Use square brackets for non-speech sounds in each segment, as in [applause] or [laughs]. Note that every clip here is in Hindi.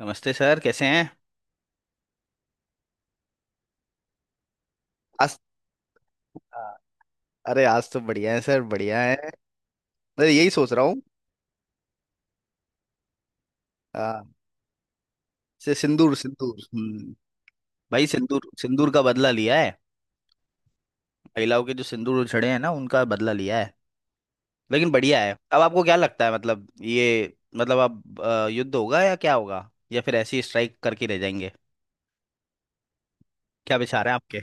नमस्ते सर, कैसे हैं? आज अरे, आज तो बढ़िया है सर, बढ़िया है। मैं यही सोच रहा हूँ। आ, से सिंदूर सिंदूर, भाई, सिंदूर सिंदूर का बदला लिया है। महिलाओं के जो सिंदूर उछड़े हैं ना, उनका बदला लिया है। लेकिन बढ़िया है। अब आपको क्या लगता है, मतलब ये, मतलब अब युद्ध होगा या क्या होगा, या फिर ऐसी स्ट्राइक करके रह जाएंगे? क्या विचार है आपके?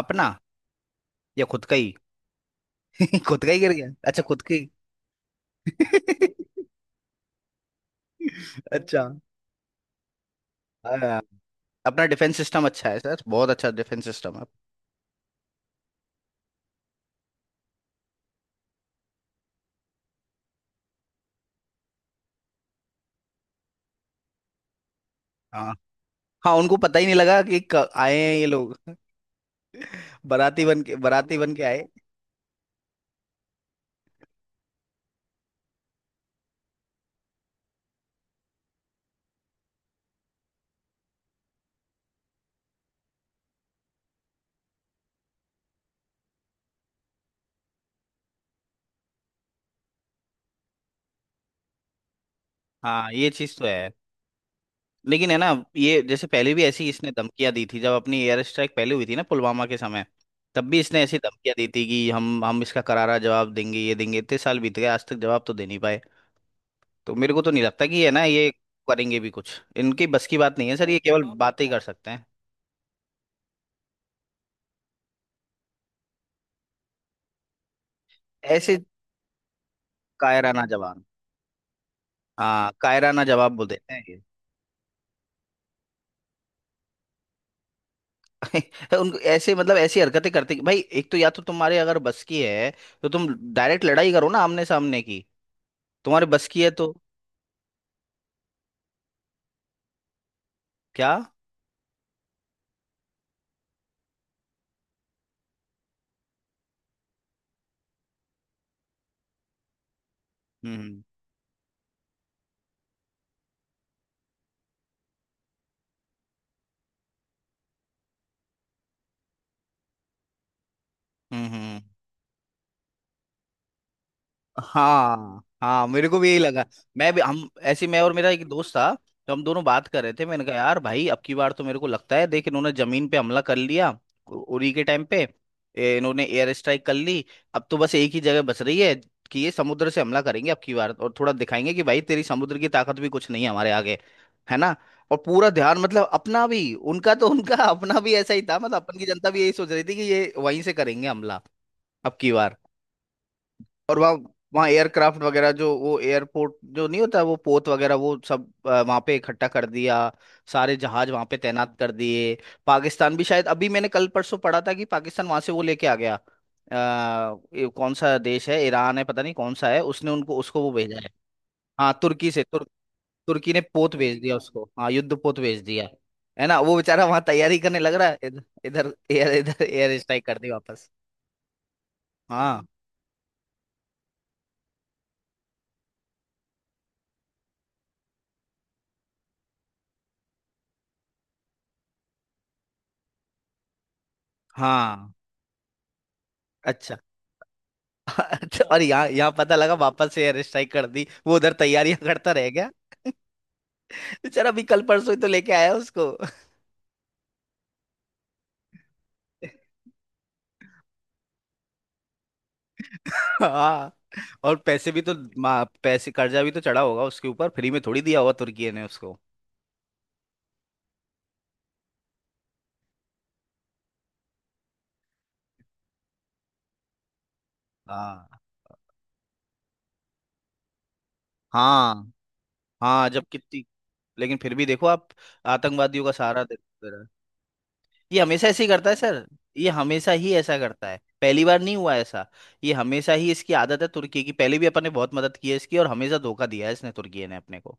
अपना या खुद का ही? [laughs] खुद का ही गिर गया, अच्छा, खुद का ही। [laughs] अच्छा। हाँ। अपना डिफेंस सिस्टम अच्छा है सर, बहुत अच्छा डिफेंस सिस्टम है। हाँ। हाँ, उनको पता ही नहीं लगा कि आए हैं ये लोग। [laughs] बाराती बन के, बाराती बन के आए। हाँ, ये चीज तो है। लेकिन है ना, ये जैसे पहले भी ऐसी इसने धमकियां दी थी, जब अपनी एयर स्ट्राइक पहले हुई थी ना, पुलवामा के समय। तब भी इसने ऐसी धमकियां दी थी कि हम इसका करारा जवाब देंगे, ये देंगे, इतने साल बीत गए आज तक जवाब तो दे नहीं पाए। तो मेरे को तो नहीं लगता कि है ना ये करेंगे भी कुछ। इनकी बस की बात नहीं है सर, ये केवल बातें ही कर सकते हैं। ऐसे कायराना जवाब। हाँ, कायराना जवाब बोल देते हैं। [laughs] उनको ऐसे, मतलब ऐसी हरकतें करते कि भाई एक तो, या तो तुम्हारे अगर बस की है तो तुम डायरेक्ट लड़ाई करो ना, आमने सामने की। तुम्हारे बस की है तो क्या। हम्म, हम्म, हम्म, हाँ हाँ, मेरे को भी यही लगा। मैं भी, हम ऐसे, मैं और मेरा एक दोस्त था, तो हम दोनों बात कर रहे थे। मैंने कहा यार भाई, अब की बार तो मेरे को लगता है, देख इन्होंने जमीन पे हमला कर लिया, उरी के टाइम पे, इन्होंने एयर स्ट्राइक कर ली। अब तो बस एक ही जगह बच रही है कि ये समुद्र से हमला करेंगे अब की बार, और थोड़ा दिखाएंगे कि भाई तेरी समुद्र की ताकत भी कुछ नहीं है हमारे आगे, है ना। और पूरा ध्यान, मतलब अपना भी, उनका तो उनका, [laughs] अपना भी ऐसा ही था, मतलब अपन की जनता भी यही सोच रही थी कि ये वहीं से करेंगे हमला अब की बार। और वहाँ, एयरक्राफ्ट वगैरह, जो वो एयरपोर्ट जो नहीं होता वो पोत वगैरह, वो सब वहाँ पे इकट्ठा कर दिया, सारे जहाज वहाँ पे तैनात कर दिए। पाकिस्तान भी शायद, अभी मैंने कल परसों पढ़ा था कि पाकिस्तान वहाँ से वो लेके आ गया, ये कौन सा देश है, ईरान है, पता नहीं कौन सा है, उसने उनको, उसको वो भेजा है। हाँ तुर्की से, तुर्की ने पोत भेज दिया उसको, हाँ, युद्ध पोत भेज दिया। है ना, वो बेचारा वहाँ तैयारी करने लग रहा है, इधर इधर एयर स्ट्राइक कर दी वापस। हाँ हाँ, अच्छा। [laughs] अच्छा, और यहाँ, पता लगा वापस से एयर स्ट्राइक कर दी, वो उधर तैयारियां करता रह गया बेचारा, अभी कल परसों ही तो लेके आया उसको। [laughs] हाँ। और पैसे भी तो, पैसे कर्जा भी तो चढ़ा होगा उसके ऊपर, फ्री में थोड़ी दिया होगा तुर्की ने उसको। हाँ हाँ। हाँ जब, कितनी, लेकिन फिर भी देखो आप, आतंकवादियों का सहारा देते रहे। ये हमेशा ऐसे ही करता है सर, ये हमेशा ही ऐसा करता है, पहली बार नहीं हुआ ऐसा। ये हमेशा ही इसकी आदत है तुर्की की, पहले भी अपन ने बहुत मदद की है इसकी, और हमेशा धोखा दिया है इसने, तुर्की ने अपने को।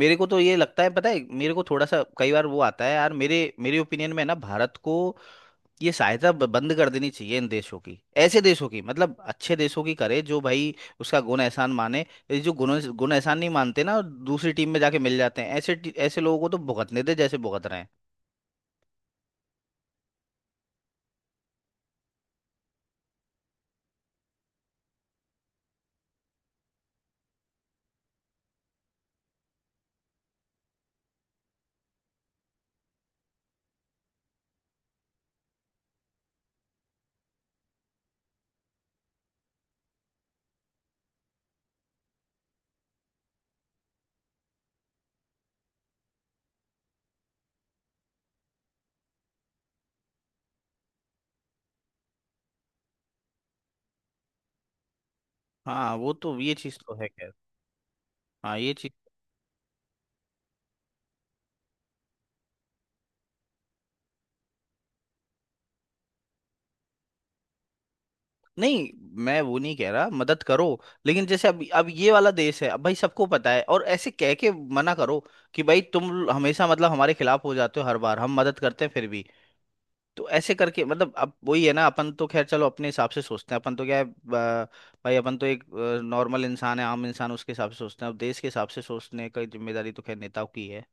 मेरे को तो ये लगता है, पता है, मेरे को थोड़ा सा कई बार वो आता है यार, मेरे मेरे ओपिनियन में ना, भारत को ये सहायता बंद कर देनी चाहिए इन देशों की। ऐसे देशों की, मतलब अच्छे देशों की करे जो भाई उसका गुण एहसान माने। ये जो गुण गुण एहसान नहीं मानते ना, और दूसरी टीम में जाके मिल जाते हैं, ऐसे ऐसे लोगों को तो भुगतने दे जैसे भुगत रहे हैं। हाँ वो तो, ये चीज़ तो है खैर। हाँ, ये चीज़। नहीं, मैं वो नहीं कह रहा मदद करो। लेकिन जैसे अब, ये वाला देश है, अब भाई सबको पता है, और ऐसे कह के मना करो कि भाई तुम हमेशा, मतलब हमारे खिलाफ हो जाते हो, हर बार हम मदद करते हैं फिर भी। तो ऐसे करके, मतलब अब वही है ना, अपन तो खैर चलो अपने हिसाब से सोचते हैं। अपन तो क्या है, भाई अपन तो एक नॉर्मल इंसान है, आम इंसान, उसके हिसाब से सोचते हैं। अब देश के हिसाब से सोचने की जिम्मेदारी तो खैर नेताओं की है।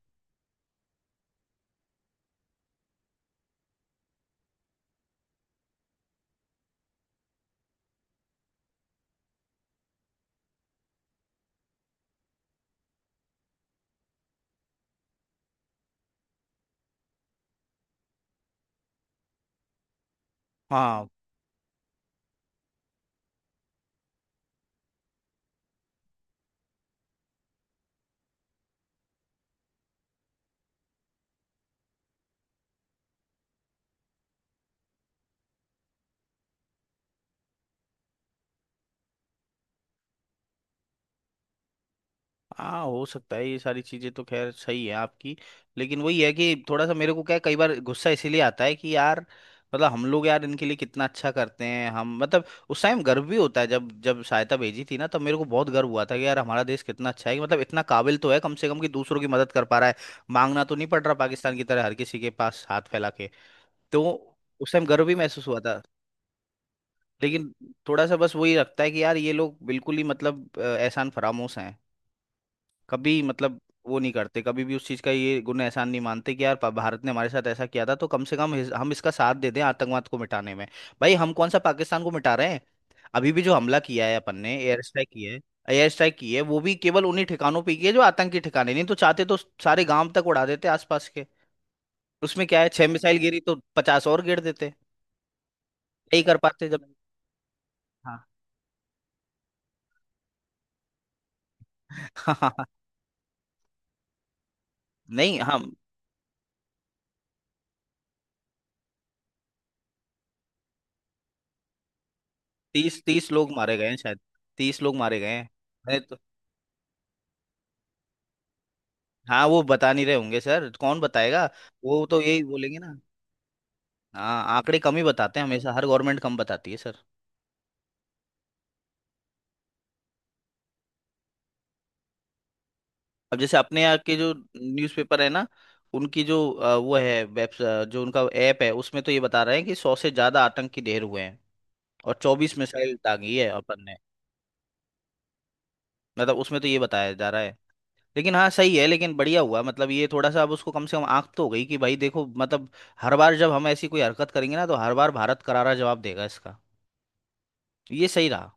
हाँ हाँ, हो सकता है, ये सारी चीजें तो खैर सही है आपकी। लेकिन वही है कि थोड़ा सा मेरे को क्या है, कई बार गुस्सा इसीलिए आता है कि यार, मतलब हम लोग यार इनके लिए कितना अच्छा करते हैं हम, मतलब उस टाइम गर्व भी होता है, जब जब सहायता भेजी थी ना, तब मेरे को बहुत गर्व हुआ था कि यार हमारा देश कितना अच्छा है, कि मतलब इतना काबिल तो है कम से कम कि दूसरों की मदद कर पा रहा है। मांगना तो नहीं पड़ रहा पाकिस्तान की तरह हर किसी के पास हाथ फैला के। तो उस टाइम गर्व भी महसूस हुआ था। लेकिन थोड़ा सा बस वही लगता है कि यार ये लोग बिल्कुल ही, मतलब एहसान फरामोश हैं। कभी, मतलब वो नहीं करते कभी भी, उस चीज़ का ये गुण एहसान नहीं मानते, कि यार भारत ने हमारे साथ ऐसा किया था तो कम से कम हम इसका साथ दे दें आतंकवाद को मिटाने में। भाई, हम कौन सा पाकिस्तान को मिटा रहे हैं? अभी भी जो हमला किया है अपन ने, एयर स्ट्राइक किया है। एयर स्ट्राइक की है, वो भी केवल उन्हीं ठिकानों पे की है जो आतंकी ठिकाने, नहीं तो चाहते तो सारे गांव तक उड़ा देते आसपास के। उसमें क्या है, 6 मिसाइल गिरी तो 50 और गिर देते। नहीं कर पाते जब। हाँ [laughs] हाँ। नहीं हम। तीस तीस लोग मारे गए हैं शायद। 30 लोग मारे गए हैं। मैंने तो। हाँ वो बता नहीं रहे होंगे सर, कौन बताएगा। वो तो यही बोलेंगे ना। हाँ, आंकड़े कम ही बताते हैं हमेशा, हर गवर्नमेंट कम बताती है सर। अब जैसे अपने यहाँ के जो न्यूज़पेपर है ना, उनकी जो वो है वेब, जो उनका ऐप है, उसमें तो ये बता रहे हैं कि 100 से ज्यादा आतंकी ढेर हुए हैं, और 24 मिसाइल दागी है अपन ने। मतलब उसमें तो ये बताया जा रहा है। लेकिन हाँ, सही है। लेकिन बढ़िया हुआ, मतलब ये थोड़ा सा अब उसको कम से कम आंख तो हो गई, कि भाई देखो, मतलब हर बार जब हम ऐसी कोई हरकत करेंगे ना, तो हर बार भारत करारा जवाब देगा इसका, ये सही रहा।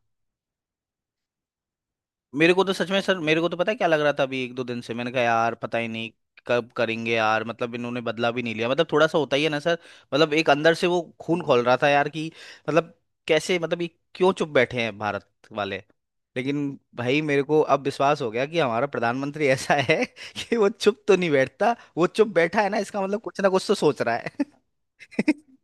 मेरे को तो सच में सर, मेरे को तो पता है क्या लग रहा था, अभी एक दो दिन से मैंने कहा यार पता ही नहीं कब करेंगे यार, मतलब इन्होंने बदला भी नहीं लिया, मतलब थोड़ा सा होता ही है ना सर, मतलब एक अंदर से वो खून खौल रहा था यार, कि मतलब कैसे, मतलब ये क्यों चुप बैठे हैं भारत वाले। लेकिन भाई मेरे को अब विश्वास हो गया कि हमारा प्रधानमंत्री ऐसा है, [laughs] कि वो चुप तो नहीं बैठता, वो चुप बैठा है ना, इसका मतलब कुछ ना कुछ तो सोच रहा है। [laughs]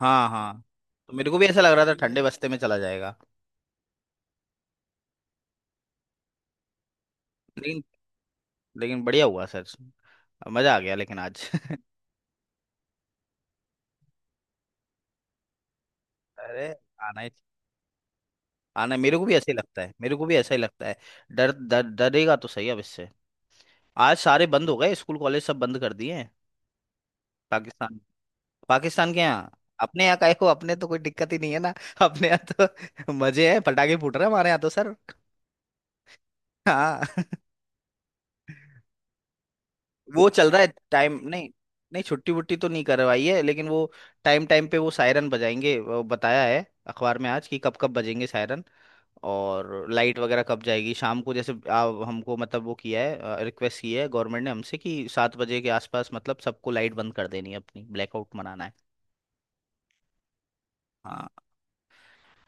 हाँ हाँ। तो मेरे को भी ऐसा लग रहा था ठंडे बस्ते में चला जाएगा। लेकिन, बढ़िया हुआ सर, मजा आ गया लेकिन आज। अरे, आना ही, आना, मेरे को भी ऐसे ही लगता है, मेरे को भी ऐसा ही लगता है। डर डर डरेगा तो सही अब इससे। आज सारे बंद हो गए, स्कूल कॉलेज सब बंद कर दिए हैं। पाकिस्तान, के यहाँ। अपने यहाँ काहे को, अपने तो कोई दिक्कत ही नहीं है ना, [laughs] अपने यहाँ। तो [laughs] मजे हैं, पटाखे फूट रहे हैं हमारे यहाँ तो सर। हाँ [laughs] वो चल रहा है, टाइम, नहीं, नहीं छुट्टी वुट्टी तो नहीं करवाई है, लेकिन वो टाइम टाइम पे वो सायरन बजाएंगे, वो बताया है अखबार में आज कि कब कब बजेंगे सायरन। और लाइट वगैरह कब जाएगी शाम को, जैसे आप हमको, मतलब वो किया है, रिक्वेस्ट की है गवर्नमेंट ने हमसे कि 7 बजे के आसपास, मतलब सबको लाइट बंद कर देनी है अपनी, ब्लैकआउट मनाना है। हाँ।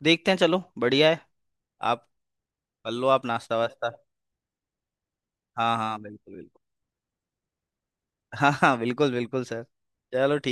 देखते हैं, चलो बढ़िया है। आप कर लो आप, नाश्ता वास्ता। हाँ हाँ, बिल्कुल बिल्कुल। हाँ हाँ, बिल्कुल बिल्कुल सर। चलो।